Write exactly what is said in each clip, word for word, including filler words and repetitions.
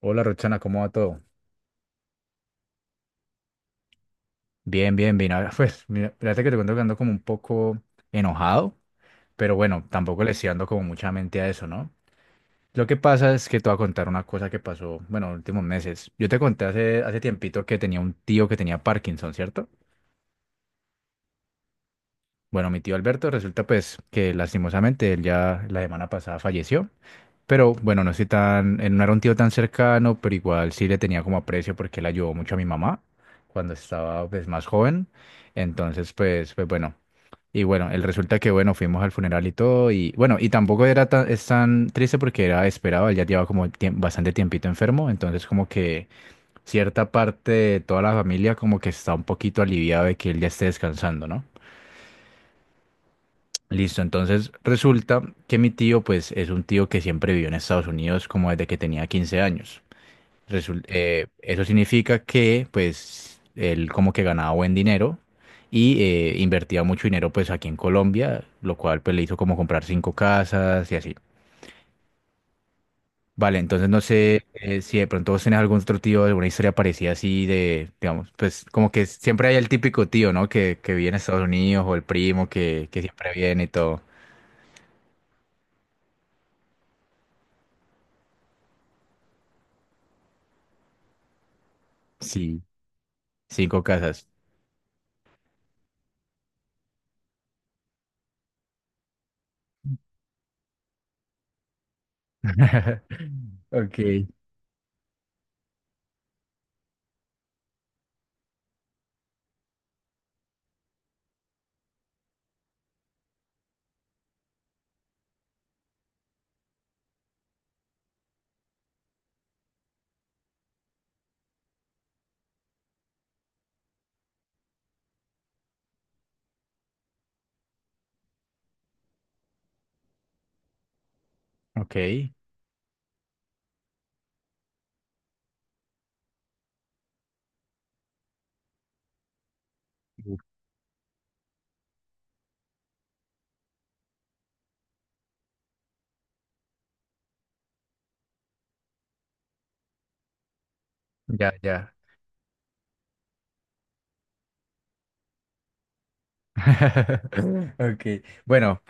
Hola Roxana, ¿cómo va todo? Bien, bien, bien. Ahora, Pues, mira, fíjate que te cuento que ando como un poco enojado, pero bueno, tampoco le estoy dando como mucha mente a eso, ¿no? Lo que pasa es que te voy a contar una cosa que pasó, bueno, en los últimos meses. Yo te conté hace, hace tiempito que tenía un tío que tenía Parkinson, ¿cierto? Bueno, mi tío Alberto resulta pues que lastimosamente él ya la semana pasada falleció. Pero bueno, no estoy tan, eh, no era un tío tan cercano, pero igual sí le tenía como aprecio porque él ayudó mucho a mi mamá cuando estaba pues más joven. Entonces, pues, pues bueno. Y bueno, el resulta que bueno, fuimos al funeral y todo. Y bueno, y tampoco era tan, es tan triste porque era esperado, él ya llevaba como tiem- bastante tiempito enfermo. Entonces, como que cierta parte de toda la familia como que está un poquito aliviada de que él ya esté descansando, ¿no? Listo, entonces resulta que mi tío, pues, es un tío que siempre vivió en Estados Unidos como desde que tenía quince años. Resul- eh, eso significa que, pues, él como que ganaba buen dinero y eh, invertía mucho dinero, pues, aquí en Colombia, lo cual, pues, le hizo como comprar cinco casas y así. Vale, entonces no sé eh, si de pronto vos tenés algún otro tío, alguna historia parecida así de, digamos, pues, como que siempre hay el típico tío, ¿no? Que, que vive en Estados Unidos o el primo que, que siempre viene y todo. Sí, cinco casas. Ok, ok. Uf. Ya, ya. Ok, bueno,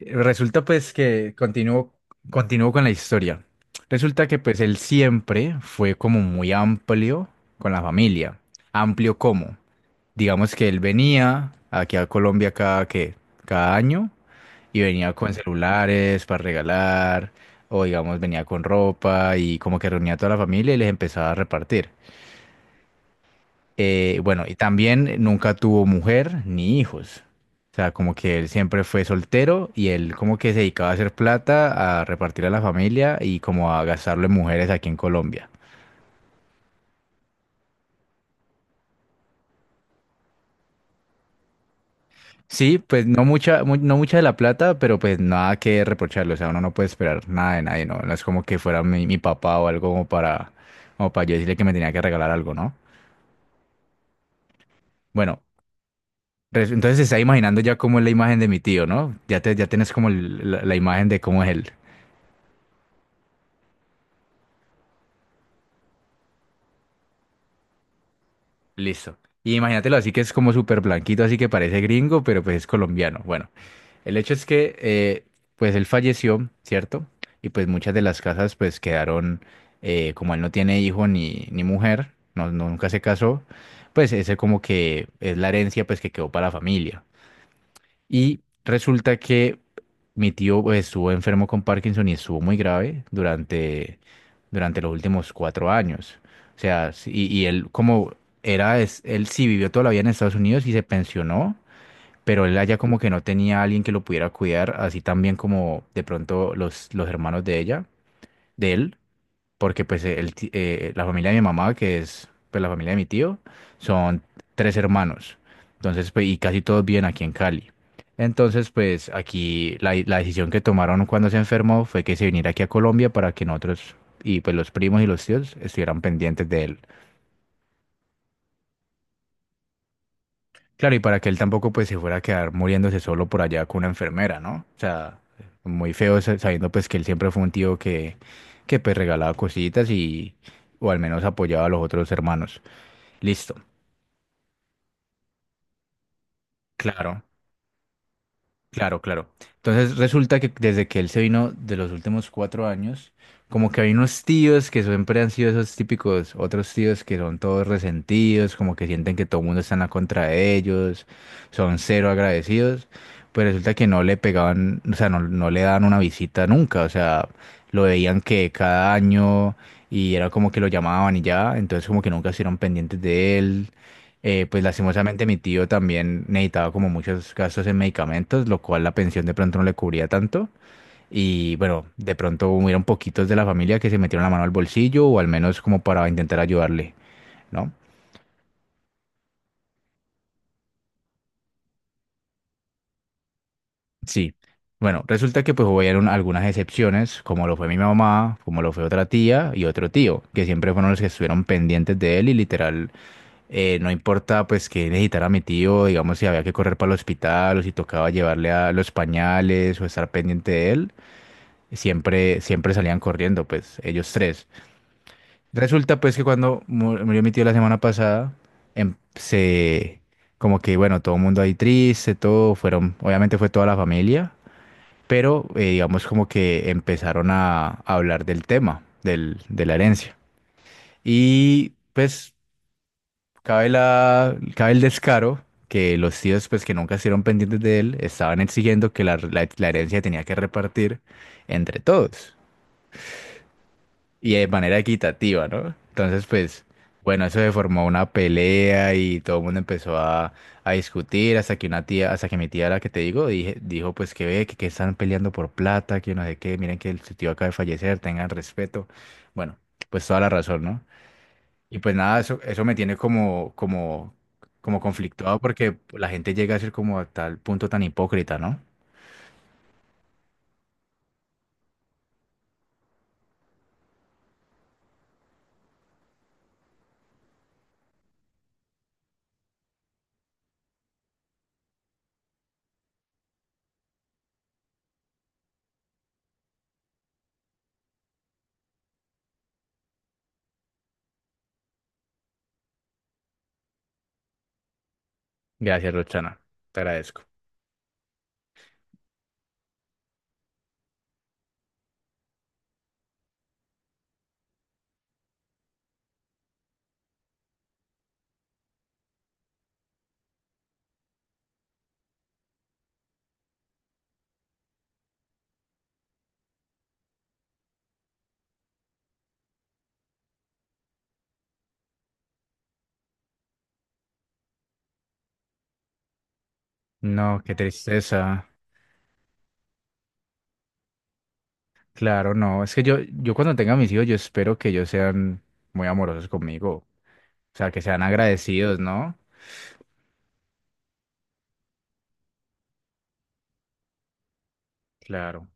resulta pues que continúo, continúo con la historia. Resulta que pues él siempre fue como muy amplio con la familia. ¿Amplio como? Digamos que él venía aquí a Colombia cada, ¿qué? Cada año y venía con celulares para regalar o digamos venía con ropa y como que reunía a toda la familia y les empezaba a repartir. Eh, bueno, y también nunca tuvo mujer ni hijos. O sea, como que él siempre fue soltero y él como que se dedicaba a hacer plata, a repartir a la familia y como a gastarlo en mujeres aquí en Colombia. Sí, pues no mucha, mu- no mucha de la plata, pero pues nada que reprocharle. O sea, uno no puede esperar nada de nadie, ¿no? No es como que fuera mi, mi papá o algo como para, como para yo decirle que me tenía que regalar algo, ¿no? Bueno, res- entonces se está imaginando ya cómo es la imagen de mi tío, ¿no? Ya te, ya tienes como el- la la imagen de cómo es él. Listo. Y imagínatelo así que es como súper blanquito, así que parece gringo, pero pues es colombiano. Bueno, el hecho es que eh, pues él falleció, ¿cierto? Y pues muchas de las casas pues quedaron, eh, como él no tiene hijo ni, ni mujer, no, nunca se casó, pues ese como que es la herencia pues que quedó para la familia. Y resulta que mi tío pues, estuvo enfermo con Parkinson y estuvo muy grave durante, durante los últimos cuatro años. O sea, sí- y, y él como era, es- él sí vivió toda la vida en Estados Unidos y se pensionó, pero él allá como que no tenía a alguien que lo pudiera cuidar, así también como de pronto los, los hermanos de ella, de él porque pues el ti- eh, la familia de mi mamá, que es pues la familia de mi tío, son tres hermanos. Entonces, pues, y casi todos viven aquí en Cali. Entonces, pues aquí la, la decisión que tomaron cuando se enfermó fue que se viniera aquí a Colombia para que nosotros y pues los primos y los tíos estuvieran pendientes de él. Claro, y para que él tampoco pues se fuera a quedar muriéndose solo por allá con una enfermera, ¿no? O sea, muy feo sa- sabiendo pues que él siempre fue un tío que, que pues regalaba cositas y o al menos apoyaba a los otros hermanos. Listo, claro, claro, claro. Entonces resulta que desde que él se vino de los últimos cuatro años, como que hay unos tíos que siempre han sido esos típicos, otros tíos que son todos resentidos, como que sienten que todo el mundo está en la contra de ellos, son cero agradecidos, pues resulta que no le pegaban, o sea, no, no le daban una visita nunca, o sea, lo veían que cada año y era como que lo llamaban y ya, entonces como que nunca estuvieron pendientes de él, eh, pues lastimosamente mi tío también necesitaba como muchos gastos en medicamentos, lo cual la pensión de pronto no le cubría tanto. Y bueno, de pronto hubieron poquitos de la familia que se metieron la mano al bolsillo o al menos como para intentar ayudarle, ¿no? Sí. Bueno, resulta que pues hubieron algunas excepciones, como lo fue mi mamá, como lo fue otra tía y otro tío, que siempre fueron los que estuvieron pendientes de él y literal, eh, no importa pues que necesitara mi tío, digamos si había que correr para el hospital o si tocaba llevarle a los pañales o estar pendiente de él, siempre, siempre salían corriendo, pues ellos tres. Resulta pues que cuando mu- murió mi tío la semana pasada, em- se como que bueno, todo el mundo ahí triste, todo fueron, obviamente fue toda la familia, pero eh, digamos como que empezaron a, a hablar del tema, del, de la herencia. Y pues cabe la, cabe el descaro que los tíos pues que nunca estuvieron pendientes de él estaban exigiendo que la la- la herencia tenía que repartir entre todos, y de manera equitativa, ¿no? Entonces, pues, bueno, eso se formó una pelea y todo el mundo empezó a, a discutir hasta que una tía, hasta que mi tía, la que te digo, dije, dijo, pues, que ve, que, que están peleando por plata, que no sé qué, miren que el su tío acaba de fallecer, tengan respeto. Bueno, pues toda la razón, ¿no? Y pues nada, eso, eso me tiene como, como, como conflictuado porque la gente llega a ser como a tal punto tan hipócrita, ¿no? Gracias, Rochana. Te agradezco. No, qué tristeza. Claro, no, es que yo, yo cuando tenga mis hijos, yo espero que ellos sean muy amorosos conmigo, o sea, que sean agradecidos, ¿no? Claro,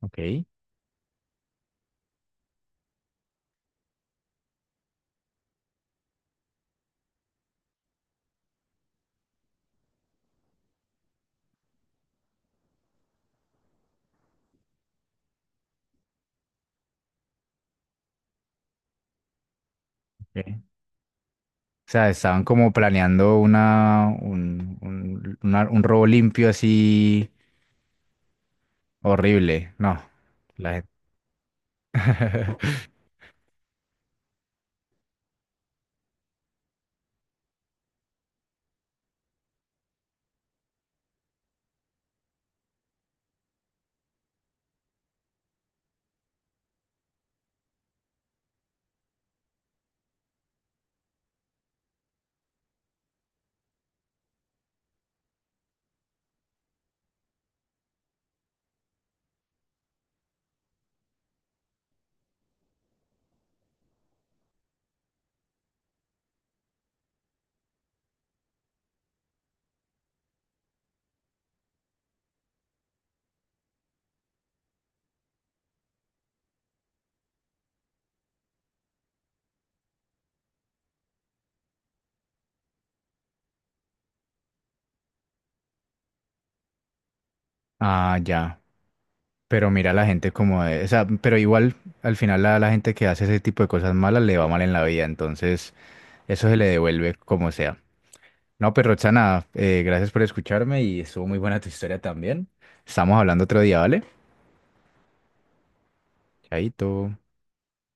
ok. Ok. O sea, estaban como planeando una, un, un, una- un robo limpio así horrible, no, la gente. Ah, ya, pero mira la gente como de, o sea, pero igual al final la, la gente que hace ese tipo de cosas malas le va mal en la vida, entonces eso se le devuelve como sea. No, pues Roxana, eh, gracias por escucharme y estuvo muy buena tu historia también. Estamos hablando otro día, ¿vale? Chaito.